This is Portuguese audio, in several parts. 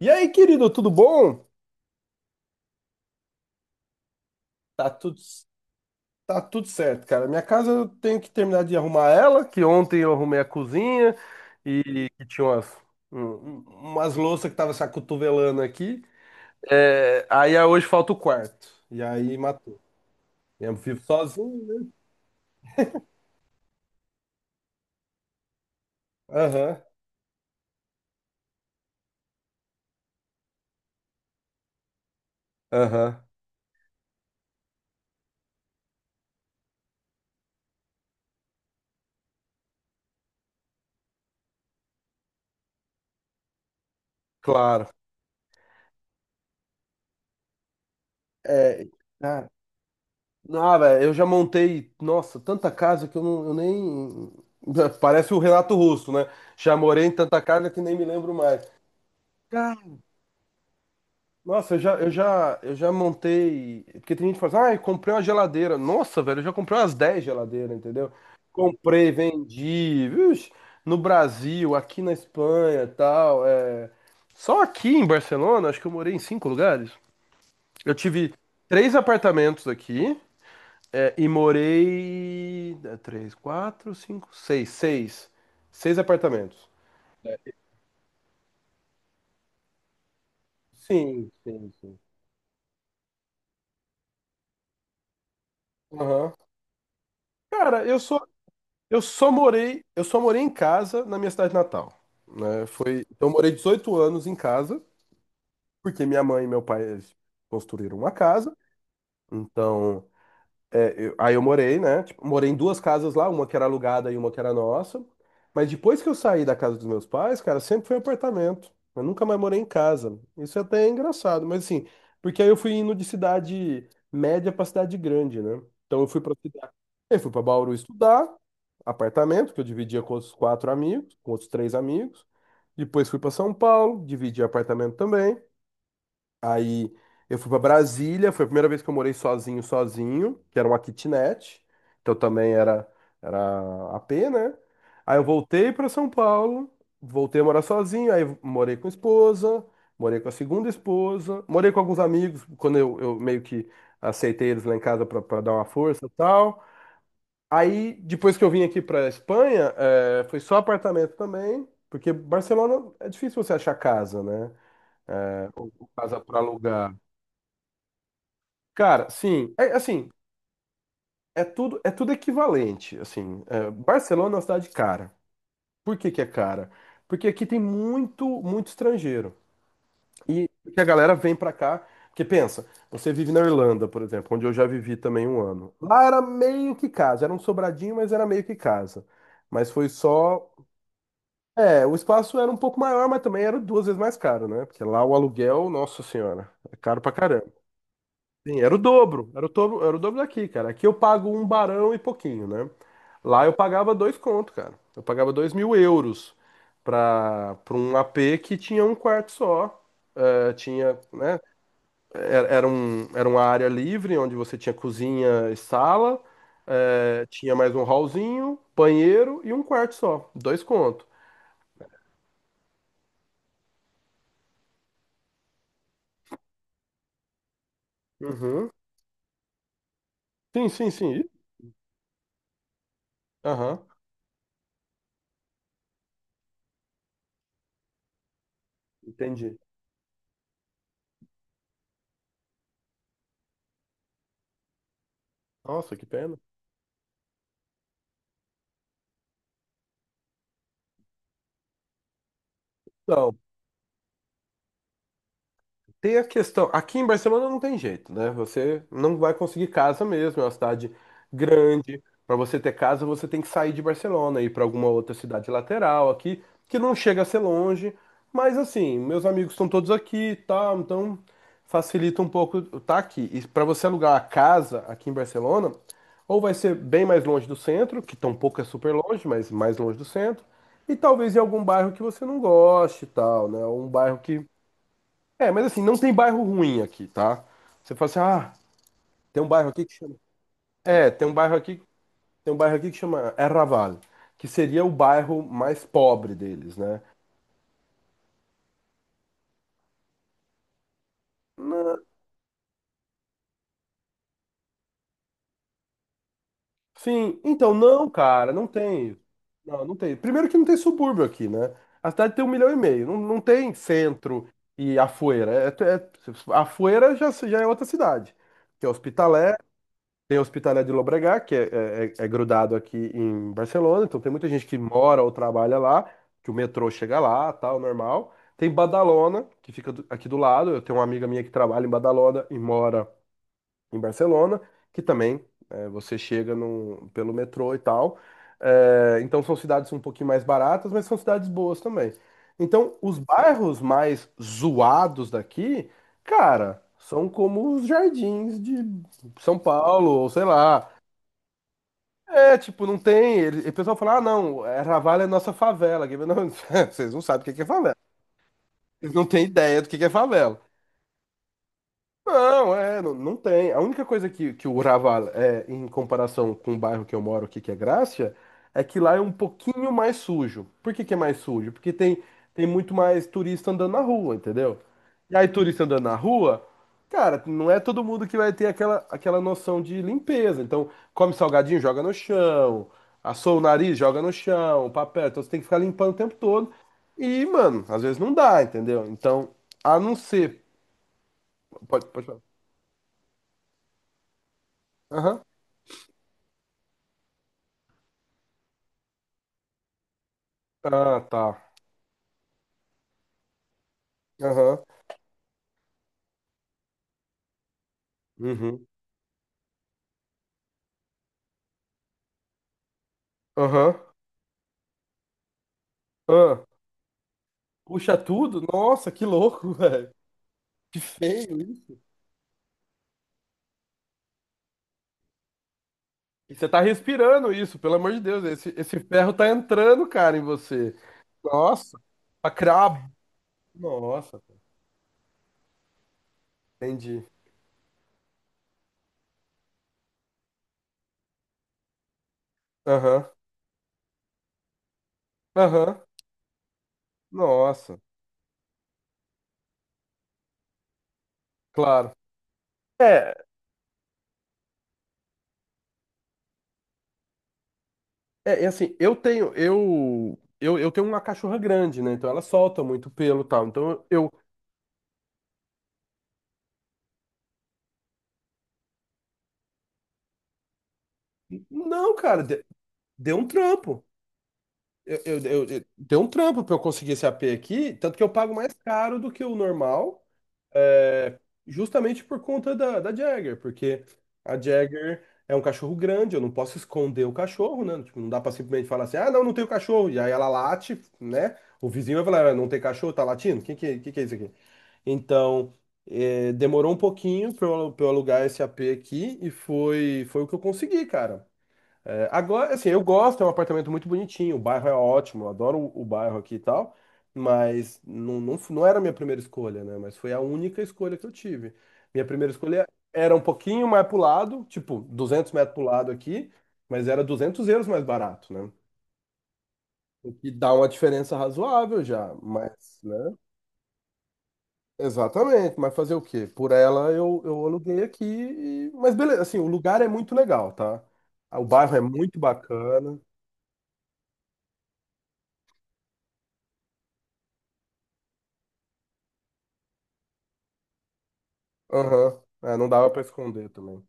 E aí, querido, tudo bom? Tá tudo, tá tudo certo, cara. Minha casa eu tenho que terminar de arrumar ela, que ontem eu arrumei a cozinha e que tinha um- um, umas louças que estavam se acotovelando aqui. É, aí hoje falta o quarto. E aí matou. Eu vivo sozinho. Aham, aham, claro. É, cara, não, velho, eu já montei, nossa, tanta casa que eu, não, eu nem. Parece o Renato Russo, né? Já morei em tanta casa que nem me lembro mais. Nossa, eu já montei. Porque tem gente que fala assim, ah, eu comprei uma geladeira. Nossa, velho, eu já comprei umas 10 geladeiras, entendeu? Comprei, vendi, viu? No Brasil, aqui na Espanha, tal. Só aqui em Barcelona, acho que eu morei em cinco lugares. Eu tive três apartamentos aqui, e morei. Três, quatro, cinco, seis, seis. Seis apartamentos. Sim, sim, sim. Aham. Cara, eu só morei em casa na minha cidade natal, né? Foi, então eu morei 18 anos em casa, porque minha mãe e meu pai eles construíram uma casa. Então, aí eu morei, né? Tipo, morei em duas casas lá, uma que era alugada e uma que era nossa. Mas depois que eu saí da casa dos meus pais, cara, sempre foi apartamento. Eu nunca mais morei em casa. Isso até é engraçado, mas assim, porque aí eu fui indo de cidade média pra cidade grande, né? Então eu fui pra cidade. Eu fui pra Bauru estudar, apartamento, que eu dividia com outros quatro amigos, com outros três amigos. Depois fui pra São Paulo, dividi apartamento também. Aí eu fui pra Brasília, foi a primeira vez que eu morei sozinho, sozinho, que era uma kitnet. Então também era AP, né? Aí eu voltei pra São Paulo, voltei a morar sozinho, aí morei com a esposa, morei com a segunda esposa, morei com alguns amigos, quando eu meio que aceitei eles lá em casa pra dar uma força e tal. Aí depois que eu vim aqui pra Espanha, foi só apartamento também, porque Barcelona é difícil você achar casa, né? É, ou casa pra alugar. Cara, sim, é assim, é tudo equivalente, assim, Barcelona é uma cidade cara. Por que que é cara? Porque aqui tem muito muito estrangeiro. E que a galera vem pra cá, que pensa, você vive na Irlanda, por exemplo, onde eu já vivi também um ano. Lá era meio que casa, era um sobradinho, mas era meio que casa. Mas foi só, o espaço era um pouco maior, mas também era duas vezes mais caro, né? Porque lá o aluguel, nossa senhora, é caro pra caramba. Sim, era o dobro, era o dobro, era o dobro daqui, cara. Aqui eu pago um barão e pouquinho, né? Lá eu pagava dois conto, cara. Eu pagava 2.000 euros pra um AP que tinha um quarto só. Tinha, né? Era uma área livre onde você tinha cozinha e sala, tinha mais um hallzinho, banheiro e um quarto só. Dois conto. Uhum. Sim, sim, sim. Ih, aham, entendi. Nossa, que pena. Não. Tem a questão. Aqui em Barcelona não tem jeito, né? Você não vai conseguir casa mesmo. É uma cidade grande. Para você ter casa, você tem que sair de Barcelona e ir para alguma outra cidade lateral aqui, que não chega a ser longe. Mas assim, meus amigos estão todos aqui, e tal. Então facilita um pouco tá aqui. E para você alugar uma casa aqui em Barcelona, ou vai ser bem mais longe do centro, que tampouco é super longe, mas mais longe do centro, e talvez em algum bairro que você não goste, e tal, né? Um bairro que é, mas assim, não tem bairro ruim aqui, tá? Você fala assim, ah, tem um bairro aqui que chama. É, tem um bairro aqui que chama Erraval, que seria o bairro mais pobre deles, né? Na- Sim, então não, cara, não tem. Não, não tem. Primeiro que não tem subúrbio aqui, né? A cidade tem 1,5 milhão. Não, não tem centro e Afueira. Afueira já, já é outra cidade. Que é Hospitalet. Tem a Hospitalet de Llobregat, que é grudado aqui em Barcelona, então tem muita gente que mora ou trabalha lá, que o metrô chega lá, tal, normal. Tem Badalona, que fica aqui do lado, eu tenho uma amiga minha que trabalha em Badalona e mora em Barcelona, que também você chega pelo metrô e tal. Então são cidades um pouquinho mais baratas, mas são cidades boas também. Então, os bairros mais zoados daqui, cara, são como os jardins de São Paulo, ou sei lá. É, tipo, não tem. E o pessoal fala, ah, não, Raval é nossa favela. Aqui." mas não, vocês não sabem o que que é favela. Vocês não têm ideia do que é favela. Não, não, não tem. A única coisa que o Raval é, em comparação com o bairro que eu moro aqui, que é Grácia, é que lá é um pouquinho mais sujo. Por que que é mais sujo? Porque tem muito mais turista andando na rua, entendeu? E aí, turista andando na rua, cara, não é todo mundo que vai ter aquela noção de limpeza. Então, come salgadinho, joga no chão, assou o nariz, joga no chão, papel. Então, você tem que ficar limpando o tempo todo. E, mano, às vezes não dá, entendeu? Então, a não ser. Pode, pode falar. Aham. Ah, tá. Aham. Uhum. Aham. Ah. Puxa tudo? Nossa, que louco, velho. Que feio isso. E você tá respirando isso, pelo amor de Deus. Esse ferro tá entrando, cara, em você. Nossa. Pra criar Nossa, entendi. Aham. Aham. Nossa. Claro. É, é assim, eu tenho uma cachorra grande, né? Então ela solta muito pelo e tal. Não, cara, deu um trampo. Tem um trampo para eu conseguir esse AP aqui, tanto que eu pago mais caro do que o normal, é, justamente por conta da Jagger, porque a Jagger é um cachorro grande, eu não posso esconder o cachorro, né? Tipo, não dá para simplesmente falar assim, ah, não, não tenho cachorro, e aí ela late, né? O vizinho vai falar, "Ah, não tem cachorro, tá latindo? Quem que é isso aqui? Então, demorou um pouquinho pra eu alugar esse AP aqui, e foi o que eu consegui, cara. É, agora, assim, eu gosto, é um apartamento muito bonitinho, o bairro é ótimo, eu adoro o bairro aqui e tal, mas não, não, não era a minha primeira escolha, né? Mas foi a única escolha que eu tive. Minha primeira escolha era um pouquinho mais pro lado, tipo, 200 metros pro lado aqui, mas era 200 euros mais barato, né? O que dá uma diferença razoável já, mas, né? Exatamente, mas fazer o quê? Por ela eu aluguei aqui, mas beleza, assim, o lugar é muito legal, tá? O bairro é muito bacana. Aham. É, não dava pra esconder também.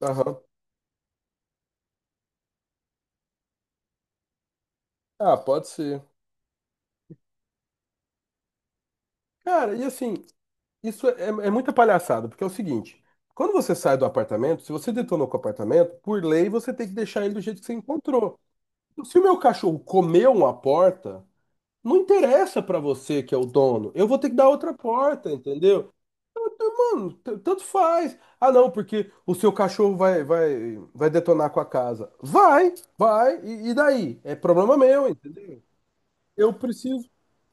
Aham. Ah, pode ser. Cara, e assim, isso é muita palhaçada, porque é o seguinte, quando você sai do apartamento, se você detonou com o apartamento, por lei você tem que deixar ele do jeito que você encontrou. Então, se o meu cachorro comeu uma porta, não interessa pra você que é o dono, eu vou ter que dar outra porta, entendeu? Mano, tanto faz. Ah, não, porque o seu cachorro vai detonar com a casa. Vai, e daí? É problema meu, entendeu? Eu preciso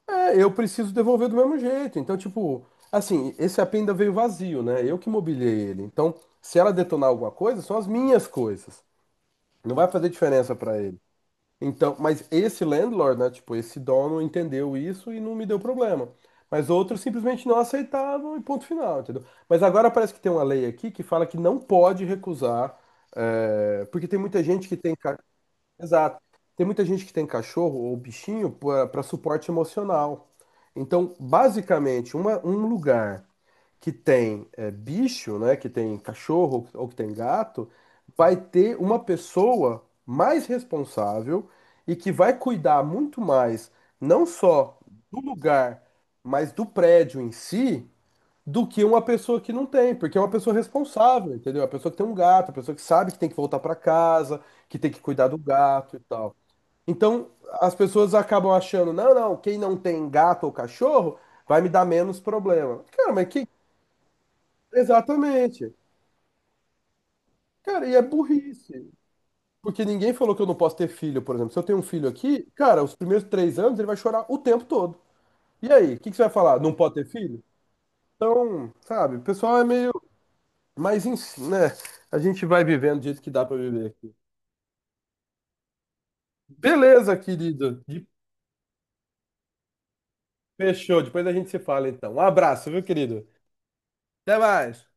eu preciso devolver do mesmo jeito. Então, tipo, assim, esse AP ainda veio vazio, né? Eu que mobiliei ele. Então, se ela detonar alguma coisa, são as minhas coisas. Não vai fazer diferença pra ele. Então, mas esse landlord, né? Tipo, esse dono entendeu isso e não me deu problema. Mas outros simplesmente não aceitavam e ponto final, entendeu? Mas agora parece que tem uma lei aqui que fala que não pode recusar, porque tem muita gente que tem. Exato. Tem muita gente que tem cachorro ou bichinho para suporte emocional. Então, basicamente, um lugar que tem bicho, né, que tem cachorro ou que tem gato, vai ter uma pessoa mais responsável e que vai cuidar muito mais, não só do lugar, mas do prédio em si, do que uma pessoa que não tem, porque é uma pessoa responsável, entendeu? A pessoa que tem um gato, a pessoa que sabe que tem que voltar para casa, que tem que cuidar do gato e tal. Então, as pessoas acabam achando, não, não, quem não tem gato ou cachorro vai me dar menos problema. Cara, mas que exatamente. Cara, e é burrice. Porque ninguém falou que eu não posso ter filho, por exemplo. Se eu tenho um filho aqui, cara, os primeiros 3 anos ele vai chorar o tempo todo. E aí, o que que você vai falar? Não pode ter filho? Então, sabe, o pessoal é meio. Mas enfim, né? A gente vai vivendo do jeito que dá pra viver aqui. Beleza, querido. Fechou. Depois a gente se fala, então. Um abraço, viu, querido? Até mais.